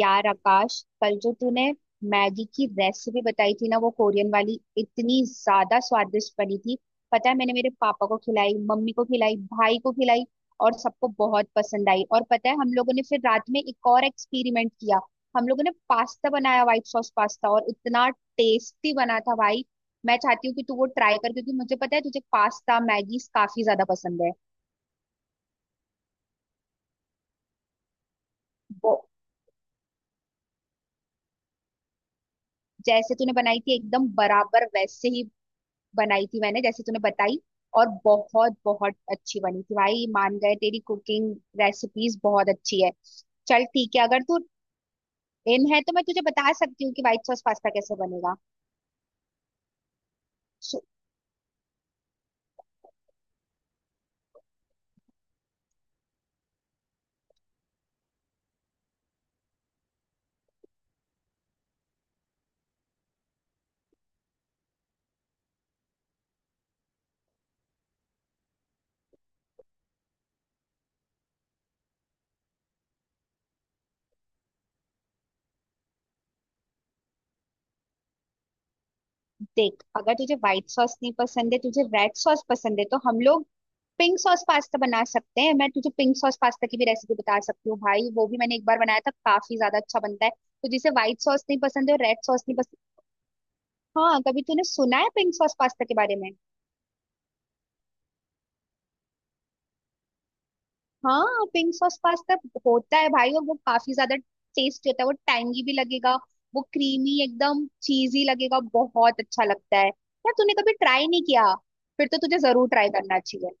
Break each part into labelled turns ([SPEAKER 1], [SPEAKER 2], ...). [SPEAKER 1] यार आकाश, कल जो तूने मैगी की रेसिपी बताई थी ना, वो कोरियन वाली इतनी ज्यादा स्वादिष्ट बनी थी। पता है, मैंने मेरे पापा को खिलाई, मम्मी को खिलाई, भाई को खिलाई और सबको बहुत पसंद आई। और पता है, हम लोगों ने फिर रात में एक और एक्सपेरिमेंट किया। हम लोगों ने पास्ता बनाया, व्हाइट सॉस पास्ता, और इतना टेस्टी बना था भाई। मैं चाहती हूँ कि तू वो ट्राई कर क्योंकि मुझे पता है तुझे पास्ता मैगी काफी ज्यादा पसंद है। वो जैसे तूने बनाई थी एकदम बराबर वैसे ही बनाई थी मैंने, जैसे तूने बताई। और बहुत बहुत अच्छी बनी थी भाई, मान गए तेरी कुकिंग। रेसिपीज बहुत अच्छी है। चल ठीक है, अगर तू इन है तो मैं तुझे बता सकती हूँ कि व्हाइट सॉस पास्ता कैसे बनेगा। सु- देख, अगर तुझे व्हाइट सॉस नहीं पसंद है, तुझे रेड सॉस पसंद है, तो हम लोग पिंक सॉस पास्ता बना सकते हैं। मैं तुझे पिंक सॉस पास्ता की भी रेसिपी बता सकती हूँ भाई, वो भी मैंने एक बार बनाया था, काफी ज्यादा अच्छा बनता है। तो जिसे व्हाइट सॉस नहीं पसंद है और रेड सॉस नहीं पसंद। हाँ, कभी तूने सुना है पिंक सॉस पास्ता के बारे में? हाँ, पिंक सॉस पास्ता होता है भाई, और वो काफी ज्यादा टेस्टी होता है। वो टैंगी भी लगेगा, वो क्रीमी एकदम चीजी लगेगा, बहुत अच्छा लगता है यार। तूने कभी ट्राई नहीं किया? फिर तो तुझे जरूर ट्राई करना चाहिए।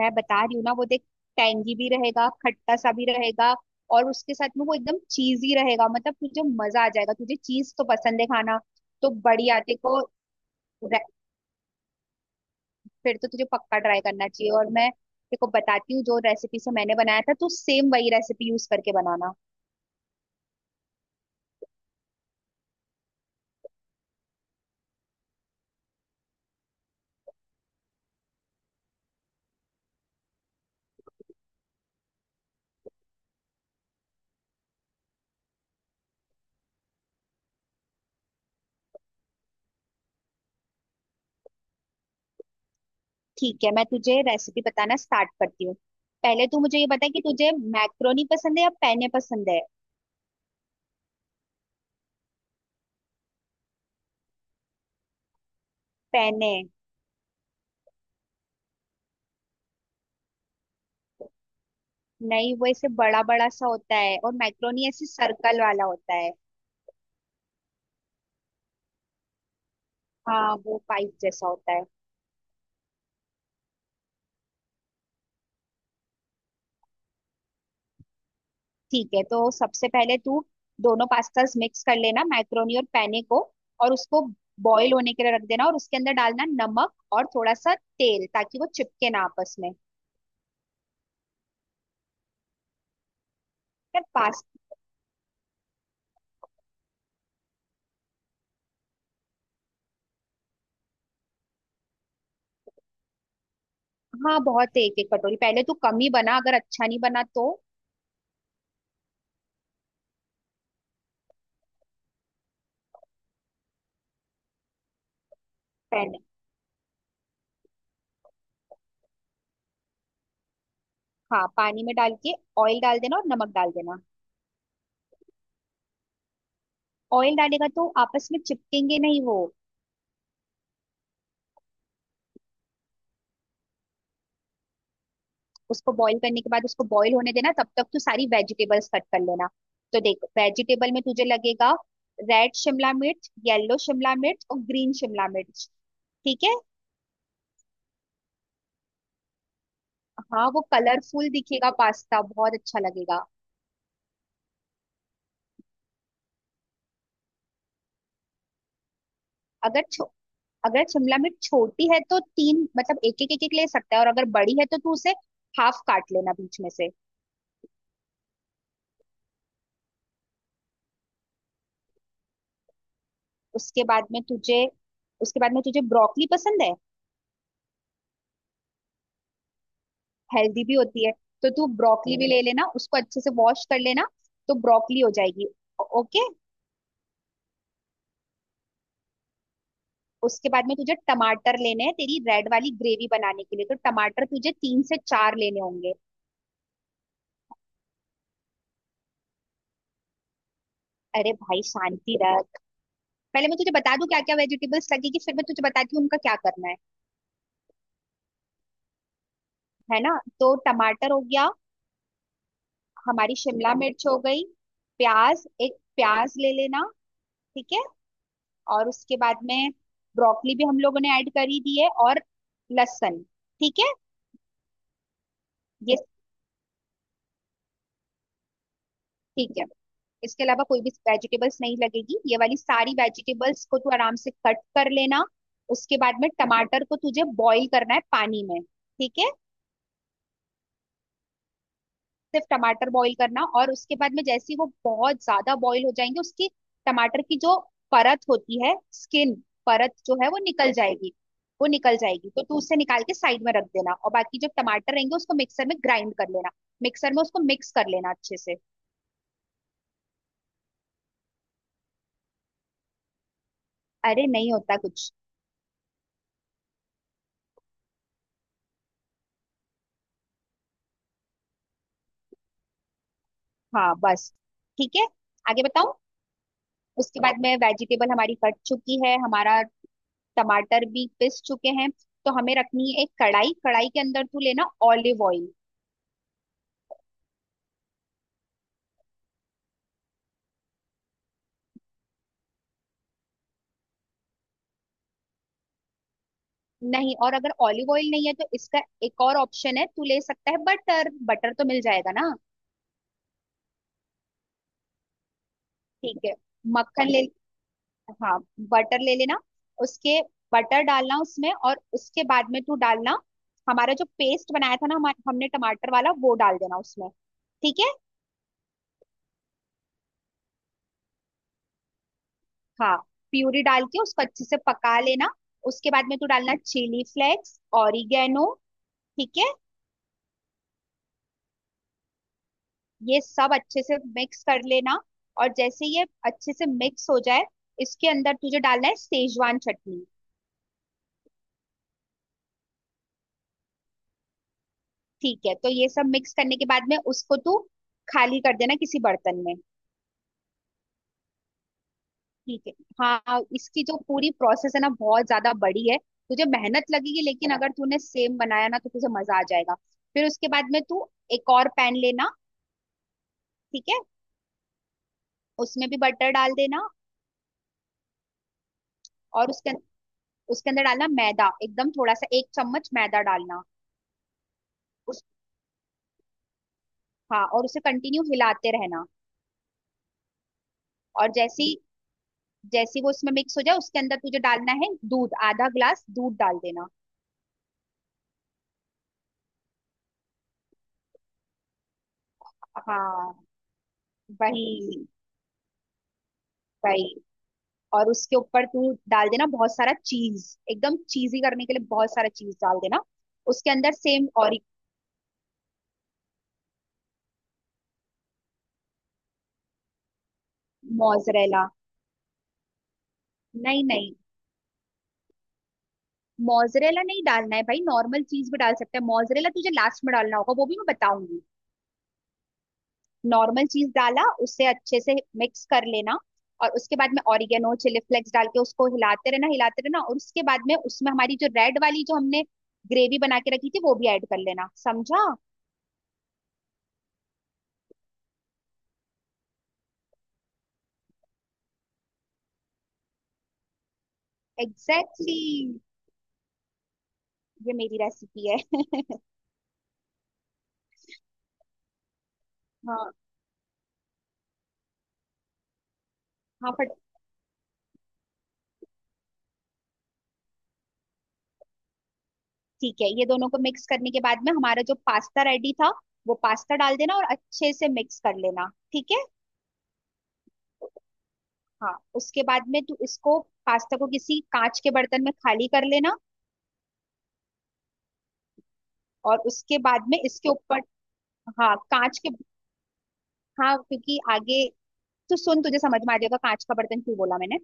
[SPEAKER 1] मैं बता रही हूँ ना, वो देख, टैंगी भी रहेगा, खट्टा सा भी रहेगा, और उसके साथ में वो एकदम चीजी रहेगा। मतलब तुझे मजा आ जाएगा, तुझे चीज तो पसंद है खाना। तो बढ़िया, देखो, फिर तो तुझे पक्का ट्राई करना चाहिए। और मैं देखो बताती हूँ, जो रेसिपी से मैंने बनाया था तू सेम वही रेसिपी यूज करके बनाना। ठीक है, मैं तुझे रेसिपी बताना स्टार्ट करती हूँ। पहले तू मुझे ये बता कि तुझे मैक्रोनी पसंद है या पैने पसंद है। पैने? नहीं, वो ऐसे बड़ा बड़ा सा होता है, और मैक्रोनी ऐसे सर्कल वाला होता है। हाँ, वो पाइप जैसा होता है। ठीक है, तो सबसे पहले तू दोनों पास्तास मिक्स कर लेना, मैक्रोनी और पैने को। और उसको बॉईल होने के लिए रख देना, और उसके अंदर डालना नमक और थोड़ा सा तेल, ताकि वो चिपके ना आपस में। यार पास्ता। हाँ बहुत है, एक एक कटोरी। पहले तू कम ही बना, अगर अच्छा नहीं बना तो। पैने। हाँ, पानी में डाल के ऑयल डाल देना और नमक डाल देना। ऑयल डालेगा तो आपस में चिपकेंगे नहीं वो। उसको बॉईल करने के बाद उसको बॉईल होने देना, तब तक तू सारी वेजिटेबल्स कट कर लेना। तो देख, वेजिटेबल में तुझे लगेगा रेड शिमला मिर्च, येलो शिमला मिर्च और ग्रीन शिमला मिर्च। ठीक है। हाँ, वो कलरफुल दिखेगा पास्ता, बहुत अच्छा लगेगा। अगर छो, अगर शिमला मिर्च छोटी है तो तीन, मतलब एक एक एक एक ले सकता है, और अगर बड़ी है तो तू उसे हाफ काट लेना बीच में से। उसके बाद में तुझे, उसके बाद में तुझे ब्रोकली पसंद है? हेल्दी भी होती है। तो तू ब्रोकली भी ले लेना, उसको अच्छे से वॉश कर लेना। तो ब्रोकली हो जाएगी। ओके। उसके बाद में तुझे टमाटर लेने हैं तेरी रेड वाली ग्रेवी बनाने के लिए, तो टमाटर तुझे 3 से 4 लेने होंगे। अरे भाई, शांति रख। पहले मैं तुझे बता दूं क्या क्या वेजिटेबल्स लगेगी, फिर मैं तुझे बताती हूँ उनका क्या करना है। है ना? तो टमाटर हो गया। हमारी शिमला मिर्च हो गई। प्याज, एक प्याज ले लेना। ठीक है। और उसके बाद में ब्रोकली भी हम लोगों ने ऐड कर ही दी है, और लहसुन। ठीक है। ये, ठीक है, इसके अलावा कोई भी वेजिटेबल्स नहीं लगेगी। ये वाली सारी वेजिटेबल्स को तू आराम से कट कर लेना। उसके बाद में टमाटर को तुझे बॉईल करना है पानी में, ठीक है? सिर्फ टमाटर बॉईल करना, और उसके बाद में जैसे ही वो बहुत ज्यादा बॉईल हो जाएंगे, उसकी टमाटर की जो परत होती है, स्किन, परत जो है वो निकल जाएगी। वो निकल जाएगी तो तू उसे निकाल के साइड में रख देना, और बाकी जो टमाटर रहेंगे उसको मिक्सर में ग्राइंड कर लेना। मिक्सर में उसको मिक्स कर लेना अच्छे से। अरे, नहीं होता कुछ। हाँ बस। ठीक है, आगे बताऊं? उसके बाद में वेजिटेबल हमारी कट चुकी है, हमारा टमाटर भी पिस चुके हैं। तो हमें रखनी है एक कढ़ाई। कढ़ाई के अंदर तू लेना ऑलिव ऑयल। नहीं, और अगर ऑलिव ऑयल नहीं है तो इसका एक और ऑप्शन है तू ले सकता है, बटर। बटर तो मिल जाएगा ना? ठीक है, मक्खन ले। हाँ, बटर ले लेना। उसके, बटर डालना उसमें, और उसके बाद में तू डालना हमारा जो पेस्ट बनाया था ना, हमने टमाटर वाला, वो डाल देना उसमें। ठीक है। हाँ, प्यूरी डाल के उसको अच्छे से पका लेना। उसके बाद में तू डालना चिली फ्लेक्स, ऑरिगेनो। ठीक है, ये सब अच्छे से मिक्स कर लेना, और जैसे ये अच्छे से मिक्स हो जाए, इसके अंदर तुझे डालना है सेजवान चटनी। ठीक है, तो ये सब मिक्स करने के बाद में उसको तू खाली कर देना किसी बर्तन में। ठीक है। हाँ, इसकी जो पूरी प्रोसेस है ना, बहुत ज्यादा बड़ी है, तुझे मेहनत लगेगी, लेकिन अगर तूने सेम बनाया ना तो तुझे मजा आ जाएगा। फिर उसके बाद में तू एक और पैन लेना। ठीक है, उसमें भी बटर डाल देना। और उसके अंदर डालना मैदा, एकदम थोड़ा सा, एक चम्मच मैदा डालना। उस, हाँ, और उसे कंटिन्यू हिलाते रहना। और जैसी, जैसी वो उसमें मिक्स हो जाए, उसके अंदर तुझे डालना है दूध, आधा ग्लास दूध डाल देना। हाँ वही। वही। और उसके ऊपर तू डाल देना बहुत सारा चीज, एकदम चीजी करने के लिए बहुत सारा चीज डाल देना। उसके अंदर सेम, और। मोजरेला, नहीं नहीं, मोजरेला नहीं डालना है भाई, नॉर्मल चीज भी डाल सकते हैं। मोजरेला तुझे लास्ट में डालना होगा, वो भी मैं बताऊंगी। नॉर्मल चीज डाला, उसे अच्छे से मिक्स कर लेना, और उसके बाद में ऑरिगेनो, चिली फ्लेक्स डाल के उसको हिलाते रहना, हिलाते रहना। और उसके बाद में उसमें हमारी जो रेड वाली, जो हमने ग्रेवी बना के रखी थी वो भी ऐड कर लेना, समझा? Exactly exactly. ये मेरी रेसिपी है। हाँ। हाँ फट ठीक है, ये दोनों को मिक्स करने के बाद में हमारा जो पास्ता रेडी था, वो पास्ता डाल देना और अच्छे से मिक्स कर लेना। ठीक है। हाँ, उसके बाद में तू इसको, पास्ता को किसी कांच के बर्तन में खाली कर लेना। और उसके बाद में इसके ऊपर, हाँ, कांच के, हाँ क्योंकि आगे तू सुन, तुझे समझ में आ जाएगा कांच का बर्तन क्यों बोला मैंने।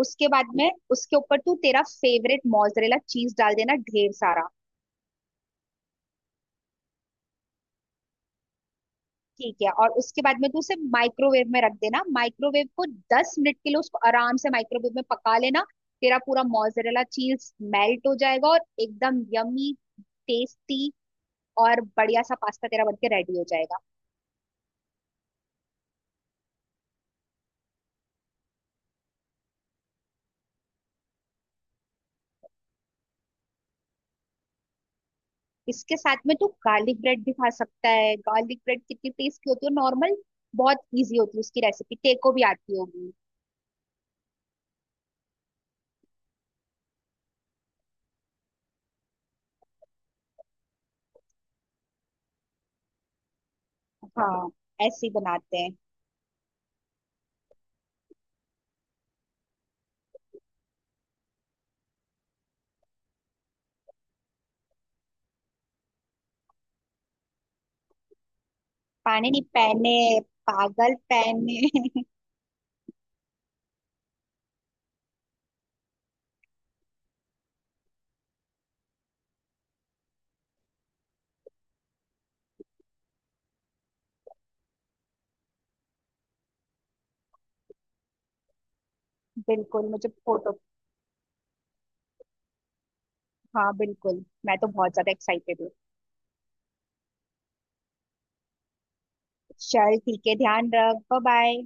[SPEAKER 1] उसके बाद में उसके ऊपर तू तेरा फेवरेट मोजरेला चीज डाल देना, ढेर सारा। ठीक है, और उसके बाद में तू उसे माइक्रोवेव में रख देना। माइक्रोवेव को 10 मिनट के लिए उसको आराम से माइक्रोवेव में पका लेना। तेरा पूरा मोजरेला चीज मेल्ट हो जाएगा, और एकदम यमी, टेस्टी, और बढ़िया सा पास्ता तेरा बनके रेडी हो जाएगा। इसके साथ में तू गार्लिक ब्रेड भी खा सकता है। गार्लिक ब्रेड कितनी टेस्टी होती है, नॉर्मल, बहुत इजी होती है, उसकी रेसिपी तेको भी आती होगी। हाँ, ऐसे ही बनाते हैं। पानी नहीं, पहने। पागल, पहने। बिल्कुल, मुझे फोटो। हाँ बिल्कुल, मैं तो बहुत ज्यादा एक्साइटेड हूँ। चल ठीक है, ध्यान रख, बाय बाय।